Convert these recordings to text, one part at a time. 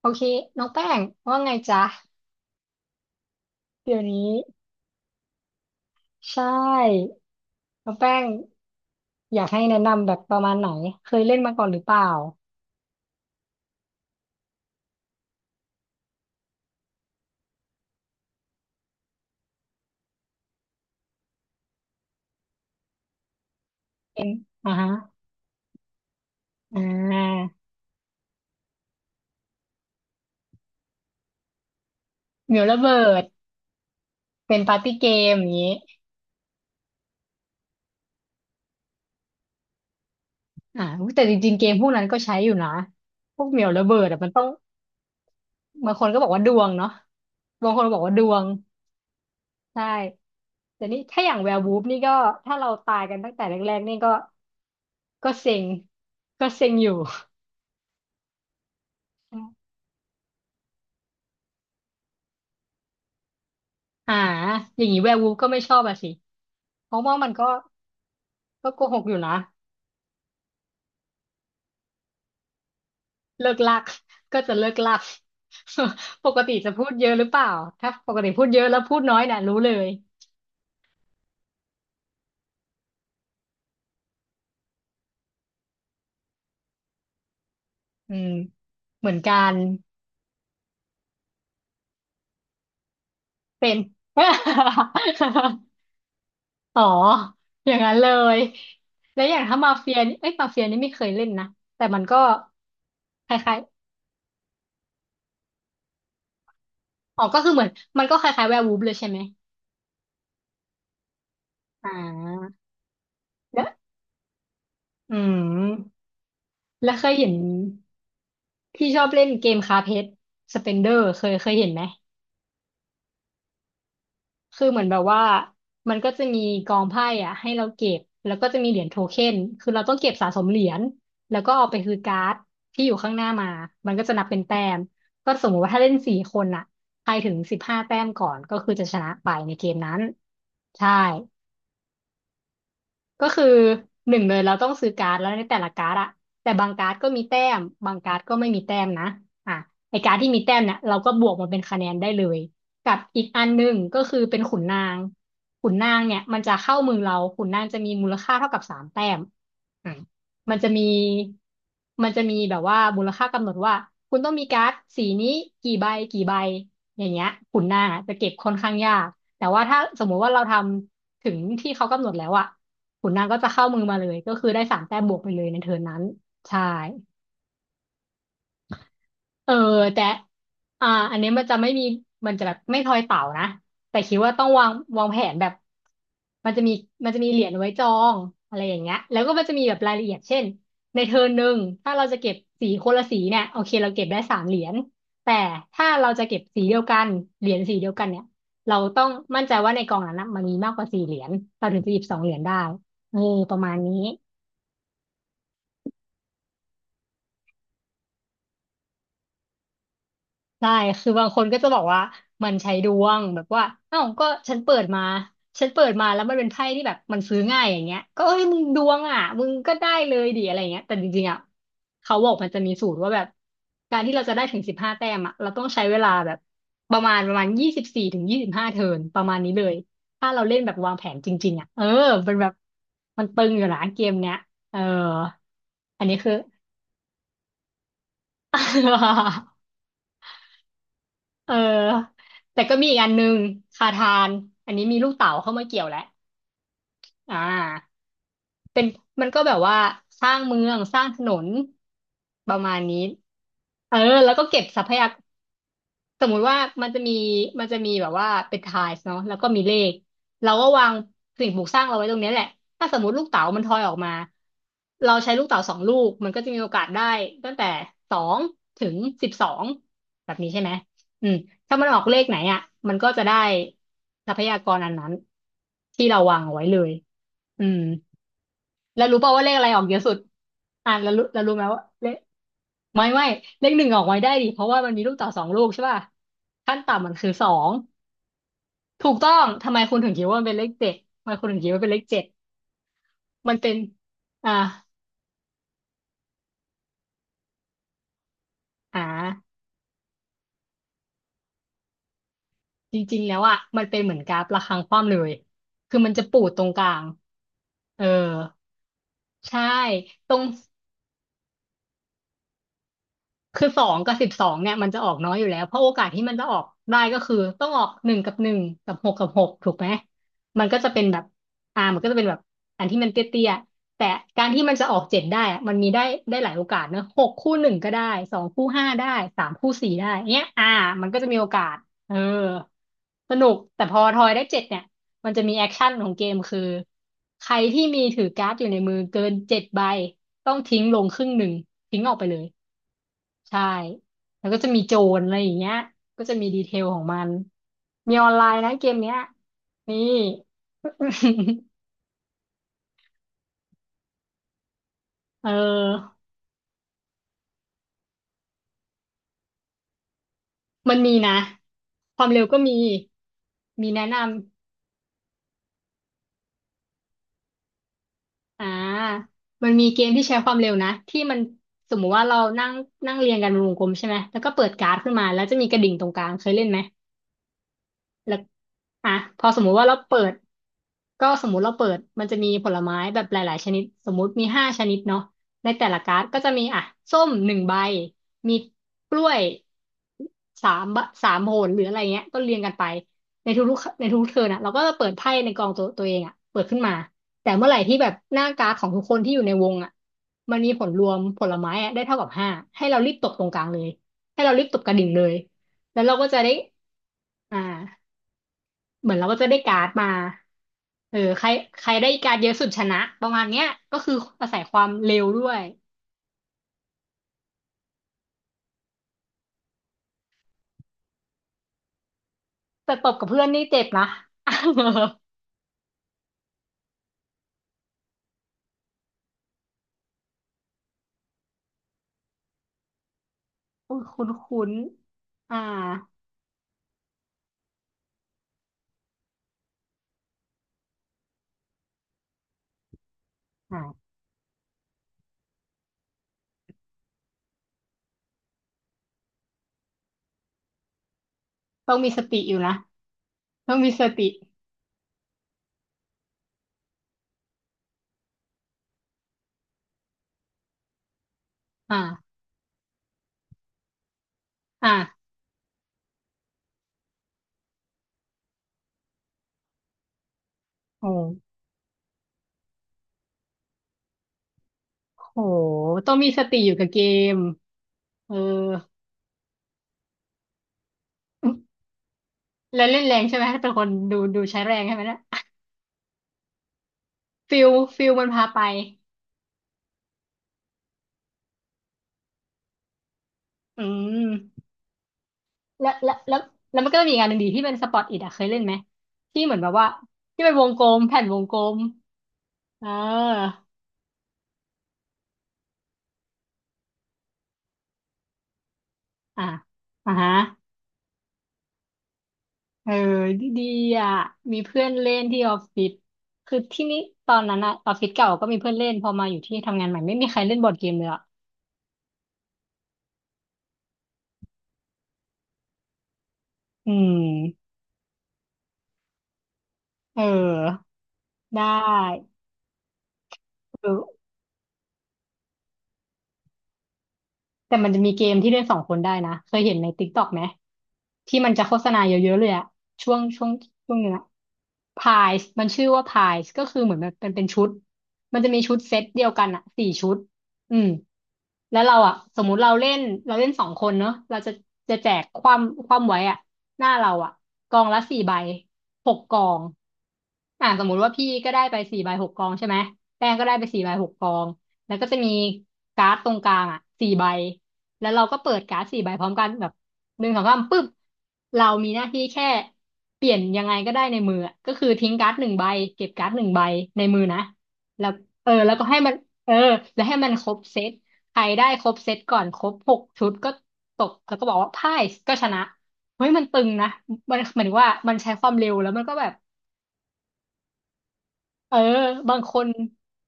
โอเคน้องแป้งว่าไงจ๊ะเดี๋ยวนี้ใช่น้องแป้งอยากให้แนะนำแบบประมาณไหนเคยเล่นมาก่อนหรือเปล่าเป็นอ่าฮะอ่าเหมียวระเบิดเป็นปาร์ตี้เกมอย่างนี้อุ๊ยแต่จริงๆเกมพวกนั้นก็ใช้อยู่นะพวกเหมียวระเบิดอ่ะมันต้องบางคนก็บอกว่าดวงเนาะบางคนบอกว่าดวงใช่แต่นี่ถ้าอย่างแวร์วูฟนี่ก็ถ้าเราตายกันตั้งแต่แรกๆนี่ก็ก็เซ็งก็เซ็งอยู่ อ่าอย่างนี้แวร์วูฟก็ไม่ชอบอะสิเพราะว่ามันก็โกหกอยู่นะเลิกลักก็จะเลิกลัก ปกติจะพูดเยอะหรือเปล่าถ้าปกติพูดเยอะแล้วพูดน้อยน่ะรู้เลยอืมเหมือนกันเป็น อ๋ออย่างนั้นเลยแล้วอย่างถ้ามาเฟียนี่เอ้ยมาเฟียนี่ไม่เคยเล่นนะแต่มันก็คล้ายๆอ๋อก็คือเหมือนมันก็คล้ายๆแวร์วูฟเลยใช่ไหมอ่าแล้วอืมแล้วเคยเห็น ที่ชอบเล่นเกมคาเพชรสเปนเดอร์เคยเห็นไหมคือเหมือนแบบว่ามันก็จะมีกองไพ่อ่ะให้เราเก็บแล้วก็จะมีเหรียญโทเค็นคือเราต้องเก็บสะสมเหรียญแล้วก็เอาไปคือการ์ดที่อยู่ข้างหน้ามามันก็จะนับเป็นแต้มก็สมมติว่าถ้าเล่นสี่คนอ่ะใครถึงสิบห้าแต้มก่อนก็คือจะชนะไปในเกมนั้นใช่ ก็คือหนึ่งเลยเราต้องซื้อการ์ดแล้วในแต่ละการ์ดอะแต่บางการ์ดก็มีแต้มบางการ์ดก็ไม่มีแต้มนะอ่ะไอการ์ดที่มีแต้มเนี่ยเราก็บวกมาเป็นคะแนนได้เลยกับอีกอันหนึ่งก็คือเป็นขุนนางขุนนางเนี่ยมันจะเข้ามือเราขุนนางจะมีมูลค่าเท่ากับสามแต้มอ่ะมันจะมีแบบว่ามูลค่ากำหนดว่าคุณต้องมีการ์ดสีนี้กี่ใบกี่ใบอย่างเงี้ยขุนนางอะจะเก็บค่อนข้างยากแต่ว่าถ้าสมมุติว่าเราทำถึงที่เขากำหนดแล้วอะ ขุนนางก็จะเข้ามือมาเลยก็คือได้สามแต้มบวกไปเลยในเทิร์นนั้นใช่เออแต่อันนี้มันจะไม่มีมันจะแบบไม่ทอยเต่านะแต่คิดว่าต้องวางวางแผนแบบมันจะมีเหรียญไว้จองอะไรอย่างเงี้ยแล้วก็มันจะมีแบบรายละเอียดเช่นในเทิร์นหนึ่งถ้าเราจะเก็บสีคนละสีเนี่ยโอเคเราเก็บได้สามเหรียญแต่ถ้าเราจะเก็บสีเดียวกันเหรียญสีเดียวกันเนี่ยเราต้องมั่นใจว่าในกองนั้นนะมันมีมากกว่าสี่เหรียญเราถึงจะหยิบสองเหรียญได้เออประมาณนี้ ได้คือบางคนก็จะบอกว่ามันใช้ดวงแบบว่าเอ้าก็ฉันเปิดมาฉันเปิดมาแล้วมันเป็นไพ่ที่แบบมันซื้อง่ายอย่างเงี้ยก็เอ้ยมึงดวงอ่ะมึงก็ได้เลยดิอะไรเงี้ยแต่จริงๆอ่ะเขาบอกมันจะมีสูตรว่าแบบการที่เราจะได้ถึงสิบห้าแต้มอ่ะเราต้องใช้เวลาแบบประมาณ24 ถึง 25เทิร์นประมาณนี้เลยถ้าเราเล่นแบบวางแผนจริงๆอ่ะเออเป็นแบบมันตึงอยู่นะเกมเนี้ยเอออันนี้คือ เออแต่ก็มีอีกอันนึงคาทานอันนี้มีลูกเต๋าเข้ามาเกี่ยวแล้วอ่าเป็นมันก็แบบว่าสร้างเมืองสร้างถนนประมาณนี้เออแล้วก็เก็บทรัพยาก สมมุติว่ามันจะมีแบบว่าเป็นไทล์เนาะแล้วก็มีเลขเราก็วางสิ่งปลูกสร้างเราไว้ตรงเนี้ยแหละถ้าสมมติลูกเต๋ามันทอยออกมาเราใช้ลูกเต๋าสองลูกมันก็จะมีโอกาสได้ตั้งแต่2 ถึง 12แบบนี้ใช่ไหมอืมถ้ามันออกเลขไหนอ่ะมันก็จะได้ทรัพยากรอันนั้นที่เราวางเอาไว้เลยอืมแล้วรู้ป่าวว่าเลขอะไรออกเยอะสุดแล้วรู้ไหมว่าเลข ไม่ไม่เลขหนึ่งออกไว้ได้ดิเพราะว่ามันมีลูกเต่อสองลูกใช่ป่ะขั้นต่ำมันคือสองถูกต้องทำไมคุณถึงคิดว่ามันเป็นเลขเจ็ดทำไมคุณถึงคิดว่าเป็นเลขเจ็ดมันเป็นอ่าอ่าจริงๆแล้วอ่ะมันเป็นเหมือนกราฟระฆังคว่ำเลยคือมันจะปูดตรงกลางเออใช่ตรง คือสองกับสิบสองเนี่ยมันจะออกน้อยอยู่แล้วเพราะโอกาสที่มันจะออกได้ก็คือต้องออกหนึ่งกับหนึ่งกับหกกับหกถูกไหมมันก็จะเป็นแบบมันก็จะเป็นแบบอันที่มันเตี้ยๆแต่การที่มันจะออกเจ็ดได้อะมันมีได้หลายโอกาสเนอะหกคู่หนึ่งก็ได้สองคู่ห้าได้สามคู่สี่ได้เนี้ยมันก็จะมีโอกาสเออสนุกแต่พอทอยได้เจ็ดเนี่ยมันจะมีแอคชั่นของเกมคือใครที่มีถือการ์ดอยู่ในมือเกินเจ็ดใบต้องทิ้งลงครึ่งหนึ่งทิ้งออกไปเลย ใช่ แล้วก็จะมีโจรอะไรอย่างเงี้ยก็จะมีดีเทลของมันมีออนไลน์นะเกมเนี้ยนี่ เออมันมีนะ ความเร็วก็มีมีแนะนำอ่ามันมีเกมที่ใช้ความเร็วนะที่มันสมมุติว่าเรานั่งนั่งเรียงกันเป็นวงกลมใช่ไหมแล้วก็เปิดการ์ดขึ้นมา แล้วจะมีกระดิ่งตรงกลางเคยเล่นไหม แล้วอ่ะพอสมมุติว่าเราเปิดก็สมมุติเราเปิดมันจะมีผลไม้แบบหลายๆชนิดสมมุติมีห้าชนิดเนาะในแต่ละการ์ดก็จะมีอ่ะส้มหนึ่งใบมีกล้วยสามบะสามโหนหรืออะไรเงี้ยก็เรียงกันไปในทุกเทิร์นอ่ะเราก็จะเปิดไพ่ในกองตัวเองอ่ะเปิดขึ้นมาแต่เมื่อไหร่ที่แบบหน้าการ์ดของทุกคนที่อยู่ในวงอ่ะมันมีผลรวมผลไม้อะได้เท่ากับห้าให้เรารีบตกตรงกลางเลยให้เรารีบตกกระดิ่งเลยแล้วเราก็จะได้อ่า เหมือนเราก็จะได้การ์ดมาเออใครใครได้การ์ดเยอะสุดชนะ ประมาณเนี้ยก็คืออาศัยความเร็วด้วยแต่ตบกับเพื่อนนี่เจ็บนะ คุ้นคุ้นคุ้นอ่าอ่าต้องมีสติอยู่นะ ต้องมีสติอ่าอ่าโอ้โห ต้องมีสติอยู่กับเกมเออแล้วเล่นแรงใช่ไหม ถ้าเป็นคนดูดูใช้แรงใช่ไหมเนะฟิลฟิลมันพาไปอืม แล้วแล้วแล้วแล้วมันก็จะมีอีกงานหนึ่งดีที่เป็นสปอตอิทอะเคยเล่นไหมที่เหมือนแบบว่าที่เป็นวงกลมแผ่นวงกลมเอออ่ะอ่ะฮะเออดีดีอ่ะมีเพื่อนเล่นที่ออฟฟิศคือที่นี่ตอนนั้นอะออฟฟิศเก่าก็มีเพื่อนเล่นพอมาอยู่ที่ทำงานใหม่ไม่มีใครเล่นบอร์ดเกมเลยอะอืมเออได้เออ แต่มันจะมีเกมที่เล่นสองคนได้นะ เคยเห็นในติกต็อกไหมที่มันจะโฆษณาเยอะๆเลยอะช่วงช่วงช่วงเนี้ยพายส์มันชื่อว่าพายส์ก็คือเหมือนแบบเป็นชุดมันจะมีชุดเซตเดียวกันอะสี่ชุดอืมแล้วเราอะสมมุติเราเล่นเราเล่นสองคนเนาะเราจะแจกความไว้อะหน้าเราอะกองละสี่ใบหกกองสมมุติว่าพี่ก็ได้ไปสี่ใบหกกองใช่ไหมแป้งก็ได้ไปสี่ใบหกกอง แล้วก็จะมีการ์ดตรงกลางอ่ะสี่ใบแล้วเราก็เปิดการ์ดสี่ใบพร้อมกันแบบหนึ่งสองสามปุ๊บเรามีหน้าที่แค่เปลี่ยนยังไงก็ได้ในมืออะก็คือทิ้งการ์ดหนึ่งใบเก็บการ์ดหนึ่งใบในมือนะแล้วเออแล้วก็ให้มันเออแล้วให้มันครบเซตใครได้ครบเซตก่อนครบหกชุดก็ตกแล้วก็บอกว่าพ่ายก็ชนะเฮ้ยมันตึงนะมันเหมือนว่ามันใช้ความเร็วแล้วมันก็แบบ เออบางคน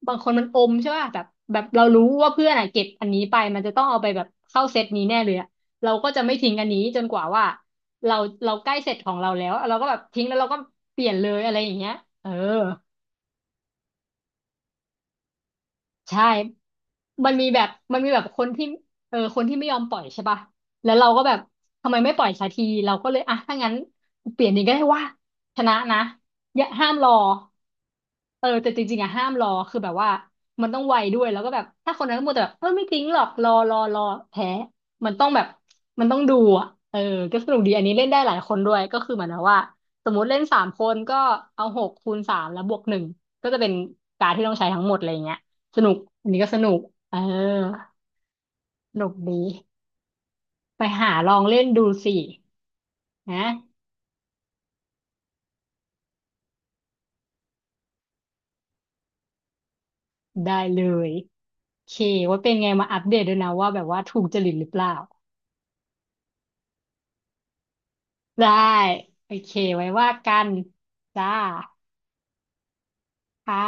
บางคนมันอมใช่ป่ะแบบแบบเรารู้ว่าเพื่อนอ่ะเก็บอันนี้ไปมันจะต้องเอาไปแบบเข้าเซตนี้แน่เลยอะเราก็จะไม่ทิ้งอันนี้จนกว่าว่าเราเราใกล้เสร็จของเราแล้วเราก็แบบทิ้งแล้วเราก็เปลี่ยนเลยอะไรอย่างเงี้ยเออ ใช่มันมีแบบมันมีแบบคนที่เออคนที่ไม่ยอมปล่อยใช่ป่ะแล้วเราก็แบบทำไมไม่ปล่อยสักทีเราก็เลยอ่ะถ้างั้นเปลี่ยนอย่างก็ได้ว่าชนะนะอย่าห้ามรอเออแต่จริงๆอะห้ามรอคือแบบว่ามันต้องไวด้วยแล้วก็แบบถ้าคนนั้นก็มัวแต่แบบเออไม่จริงหรอกรอรอรอแพ้มันต้องแบบมันต้องดูเออก็สนุกดีอันนี้เล่นได้หลายคนด้วยก็คือเหมือนกับว่าสมมติเล่นสามคนก็เอาหกคูณสามแล้วบวกหนึ่งก็จะเป็นการดที่ต้องใช้ทั้งหมดอะไรอย่างเงี้ย สนุกอันนี้ก็สนุกเออสนุกดีไปหาลองเล่นดูสินะได้เลยโอเคว่าเป็นไงมาอัปเดตด้วยนะว่าแบบว่าถูกจริตหรือเปล่าได้โอเคไว้ว่ากันจ้าค่ะ